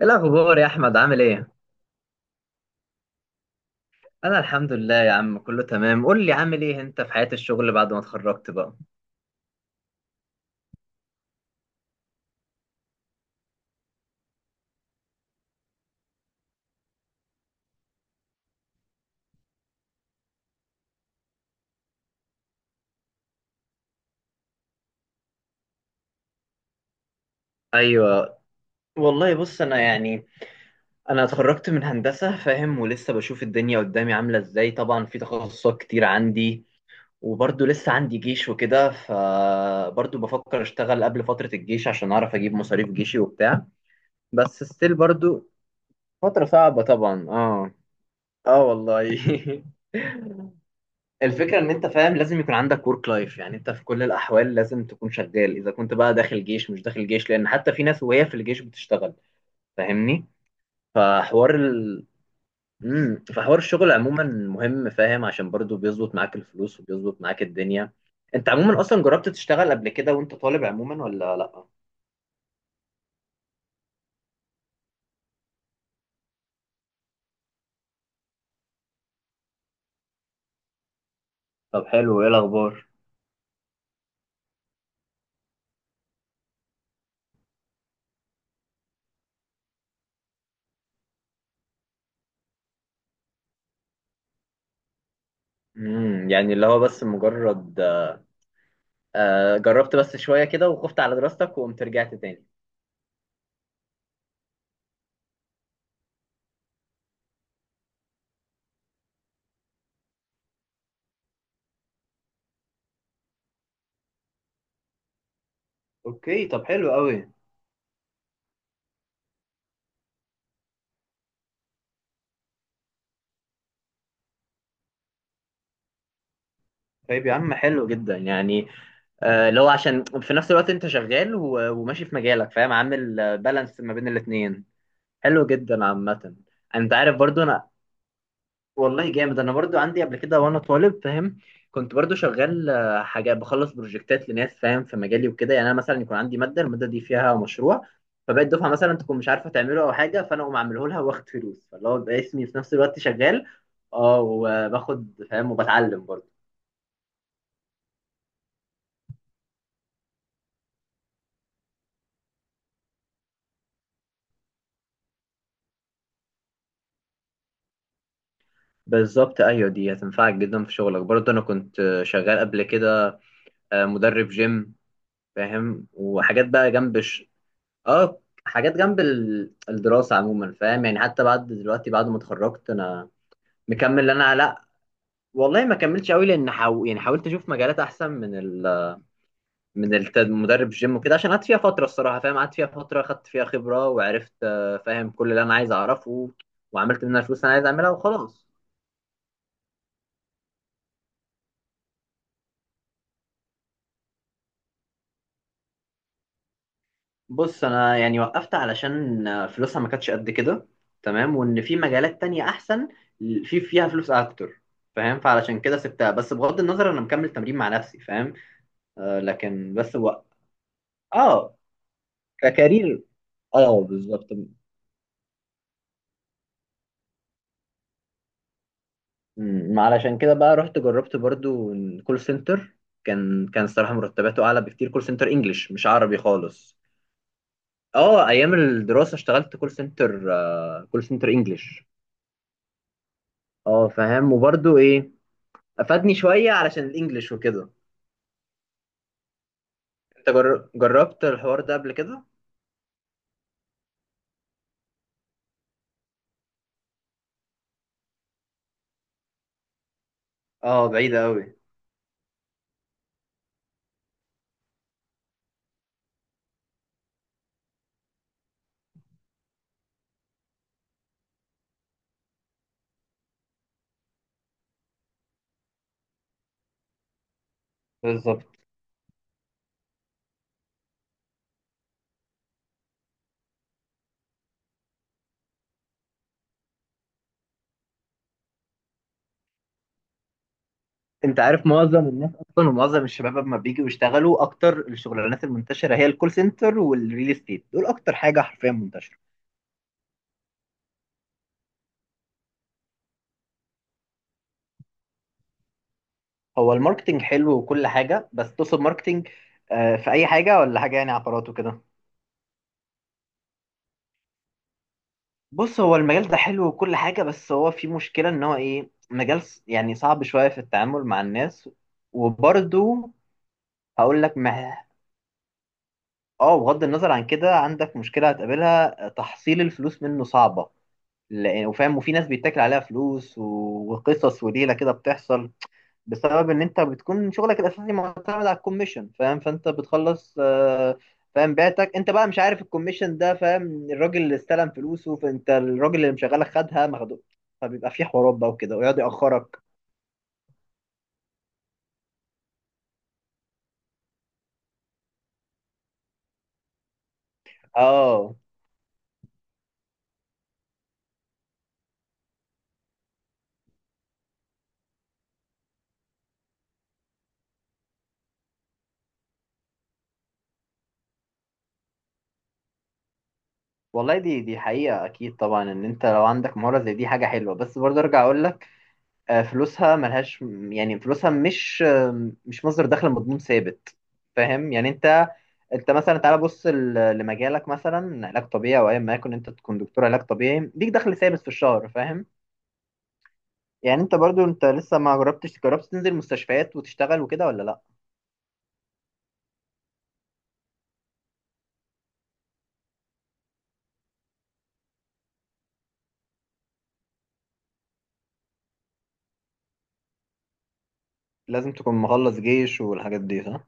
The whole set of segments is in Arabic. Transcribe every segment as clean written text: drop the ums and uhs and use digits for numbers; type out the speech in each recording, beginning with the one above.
ايه الاخبار يا احمد؟ عامل ايه؟ انا الحمد لله يا عم، كله تمام. قول لي، عامل ايه انت في حياة الشغل بعد ما اتخرجت بقى؟ ايوه، والله بص انا يعني انا اتخرجت من هندسة، فاهم؟ ولسه بشوف الدنيا قدامي عاملة ازاي. طبعا في تخصصات كتير عندي، وبرضه لسه عندي جيش وكده، فبرضه بفكر اشتغل قبل فترة الجيش عشان اعرف اجيب مصاريف جيشي وبتاع. بس ستيل برضه فترة صعبة طبعا. اه، اه والله. الفكرة ان انت فاهم، لازم يكون عندك ورك لايف. يعني انت في كل الاحوال لازم تكون شغال، اذا كنت بقى داخل جيش مش داخل جيش، لان حتى في ناس وهي في الجيش بتشتغل. فاهمني؟ فحوار ال... فحوار الشغل عموما مهم، فاهم؟ عشان برضو بيظبط معاك الفلوس وبيظبط معاك الدنيا. انت عموما اصلا جربت تشتغل قبل كده وانت طالب عموما ولا لا؟ طب حلو، ايه الاخبار؟ يعني اللي هو بس مجرد جربت بس شوية كده وخفت على دراستك وقمت رجعت تاني. اوكي، طب حلو قوي. طيب يا عم حلو جدا يعني. اللي هو عشان في نفس الوقت انت شغال و- وماشي في مجالك، فاهم؟ عامل بالانس ما بين الاتنين. حلو جدا عامة. انت عارف برضو انا، والله جامد. انا برضو عندي قبل كده وانا طالب، فاهم؟ كنت برضو شغال حاجة بخلص بروجكتات لناس، فاهم؟ في مجالي وكده. يعني انا مثلا يكون عندي مادة، المادة دي فيها مشروع، فبقيت دفعة مثلا تكون مش عارفة تعمله او حاجة، فانا اقوم اعمله لها واخد فلوس، فاللي هو بقى اسمي في نفس الوقت شغال. اه وباخد، فاهم؟ وبتعلم برضو. بالظبط، ايوه دي هتنفعك جدا في شغلك. برضه انا كنت شغال قبل كده مدرب جيم، فاهم؟ وحاجات بقى جنب. اه، حاجات جنب الدراسه عموما، فاهم؟ يعني حتى بعد دلوقتي بعد ما اتخرجت انا مكمل، انا لا، والله ما كملتش قوي لان يعني حاولت اشوف مجالات احسن من مدرب جيم وكده، عشان قعدت فيها فتره الصراحه، فاهم؟ قعدت فيها فتره خدت فيها خبره وعرفت فاهم؟ كل اللي انا عايز اعرفه. وعملت منها فلوس انا عايز اعملها وخلاص. بص انا يعني وقفت علشان فلوسها ما كانتش قد كده، تمام؟ وان في مجالات تانية احسن، في فيها فلوس اكتر، فاهم؟ فعلشان كده سبتها. بس بغض النظر انا مكمل تمرين مع نفسي، فاهم؟ آه لكن بس. اه ككارير. اه بالظبط. علشان كده بقى رحت جربت برضو كول سنتر. كان الصراحة مرتباته اعلى بكتير. كول سنتر انجلش مش عربي خالص. اه، ايام الدراسة اشتغلت كول سنتر، آه كول سنتر انجلش. اه، فاهم؟ وبرضو ايه، افادني شويه علشان الانجليش وكده. انت جربت الحوار ده قبل كده؟ اه، بعيدة قوي. بالظبط. انت عارف معظم الناس اصلا ومعظم الشباب لما بيجوا يشتغلوا، اكتر الشغلانات المنتشره هي الكول سنتر والريل استيت. دول اكتر حاجه حرفيا منتشره. هو الماركتنج حلو وكل حاجه، بس تقصد ماركتنج في اي حاجه ولا حاجه؟ يعني عقارات وكده. بص، هو المجال ده حلو وكل حاجه، بس هو في مشكله، ان هو ايه، مجال يعني صعب شويه في التعامل مع الناس. وبرده هقول لك، اه بغض النظر عن كده، عندك مشكلة هتقابلها، تحصيل الفلوس منه صعبة. لأن، وفاهم، وفي ناس بيتاكل عليها فلوس و- وقصص وليلة كده بتحصل، بسبب إن أنت بتكون شغلك الأساسي معتمد على الكوميشن، فاهم؟ فأنت بتخلص فاهم؟ بعتك أنت بقى، مش عارف الكوميشن ده، فاهم؟ الراجل اللي استلم فلوسه فأنت الراجل اللي مشغلك خدها مخدوع. فبيبقى في حوارات بقى وكده، ويقعد يأخرك. اه والله دي حقيقة أكيد طبعا، إن أنت لو عندك مهارة زي دي حاجة حلوة، بس برضه أرجع أقول لك فلوسها ملهاش. يعني فلوسها مش مش مصدر دخل مضمون ثابت، فاهم؟ يعني انت، انت مثلا تعالى بص لمجالك، مثلا علاج طبيعي او ايا ما يكن. انت تكون دكتور علاج طبيعي ليك دخل ثابت في الشهر، فاهم؟ يعني انت برضو، انت لسه ما جربتش، جربت تنزل مستشفيات وتشتغل وكده ولا لا؟ لازم تكون مخلص جيش والحاجات دي، صح؟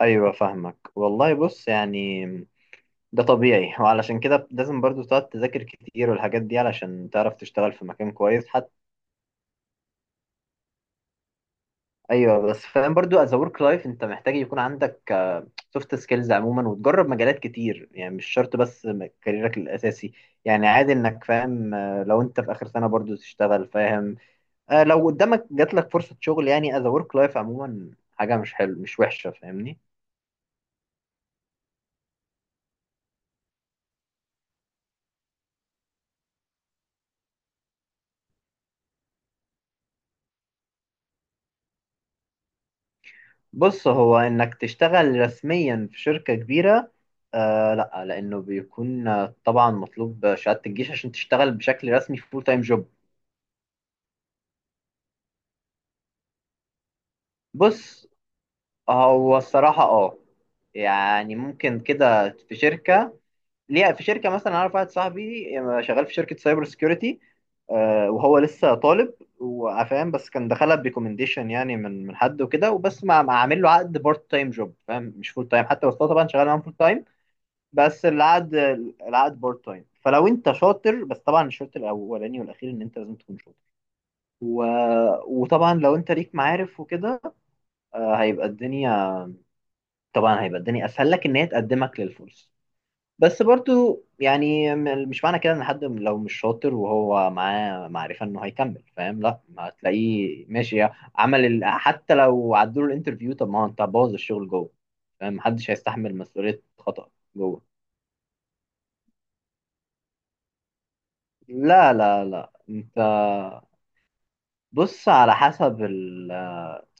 ايوه، فاهمك. والله بص يعني ده طبيعي، وعلشان كده لازم برضو تقعد تذاكر كتير والحاجات دي علشان تعرف تشتغل في مكان كويس حتى. ايوه، بس فاهم برضو از ورك لايف انت محتاج يكون عندك سوفت سكيلز عموما، وتجرب مجالات كتير. يعني مش شرط بس كاريرك الاساسي. يعني عادي انك، فاهم؟ لو انت في اخر سنه برضو تشتغل، فاهم؟ لو قدامك جات لك فرصه شغل، يعني از ورك لايف عموما حاجه مش حلو، مش وحشه، فاهمني؟ بص، هو انك تشتغل رسميا في شركه كبيره، آه لا، لانه بيكون طبعا مطلوب شهاده الجيش عشان تشتغل بشكل رسمي في فول تايم جوب. بص هو الصراحة اه، يعني ممكن كده في شركة. ليه في شركة مثلا، أنا أعرف واحد صاحبي شغال في شركة سايبر سيكيورتي، وهو لسه طالب، وفاهم، بس كان دخلها بريكومنديشن. يعني من حد وكده، وبس ما عامل له عقد بارت تايم جوب، فاهم؟ مش فول تايم حتى، بس هو طبعا شغال معاهم فول تايم. بس العقد بارت تايم. فلو انت شاطر، بس طبعا الشرط الاولاني والاخير ان انت لازم تكون شاطر. و... وطبعا لو انت ليك معارف وكده هيبقى الدنيا، طبعا هيبقى الدنيا اسهل لك ان هي تقدمك للفرصه. بس برضو يعني مش معنى كده ان حد لو مش شاطر وهو معاه معرفه انه هيكمل، فاهم؟ لا، ما هتلاقيه ماشي. حتى لو عدوا له الانترفيو، طب ما هو انت بوظ الشغل جوه، فاهم؟ محدش هيستحمل مسؤوليه خطأ جوه. لا لا لا، انت بص، على حسب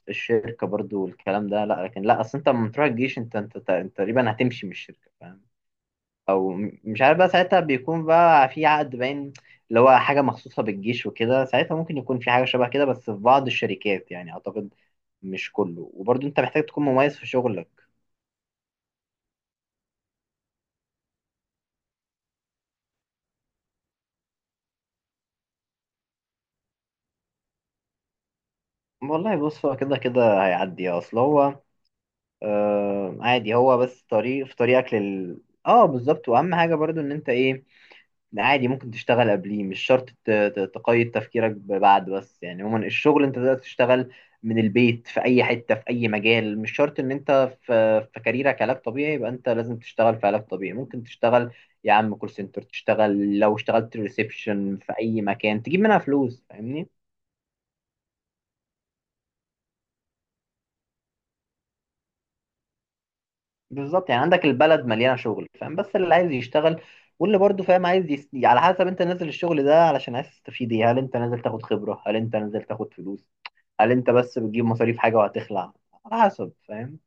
الشركه برضو والكلام ده. لا لكن لا، اصل انت لما تروح الجيش، انت انت تقريبا هتمشي من الشركه، فاهم؟ او مش عارف بقى، ساعتها بيكون بقى في عقد باين، اللي هو حاجه مخصوصه بالجيش وكده. ساعتها ممكن يكون في حاجه شبه كده، بس في بعض الشركات يعني اعتقد، مش كله. وبرضه انت محتاج تكون مميز في شغلك. والله بص هو كده كده هيعدي، اصل هو آه عادي. هو بس طريق في طريقك. اه بالظبط. واهم حاجه برضه ان انت ايه، عادي ممكن تشتغل قبليه، مش شرط تقيد تفكيرك بعد. بس يعني عموما الشغل انت تقدر تشتغل من البيت في اي حته في اي مجال، مش شرط ان انت في في كاريرك علاج طبيعي يبقى انت لازم تشتغل في علاج طبيعي. ممكن تشتغل يا عم كول سنتر، تشتغل لو اشتغلت ريسبشن في اي مكان تجيب منها فلوس، فاهمني؟ بالظبط، يعني عندك البلد مليانه شغل، فاهم؟ بس اللي عايز يشتغل. واللي برضه فاهم عايز. على حسب انت نازل الشغل ده علشان عايز تستفيد ايه، هل انت نازل تاخد خبره، هل انت نازل تاخد فلوس، هل انت بس بتجيب مصاريف حاجه وهتخلع؟ على حسب، فاهم؟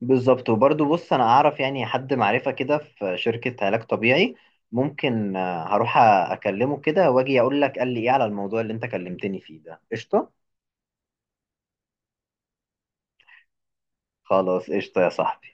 بالظبط. وبرضه بص، انا اعرف يعني حد معرفه كده في شركه علاج طبيعي، ممكن هروح اكلمه كده واجي اقول لك قال لي ايه على الموضوع اللي انت كلمتني فيه ده. قشطه. خلاص، قشطه يا صاحبي.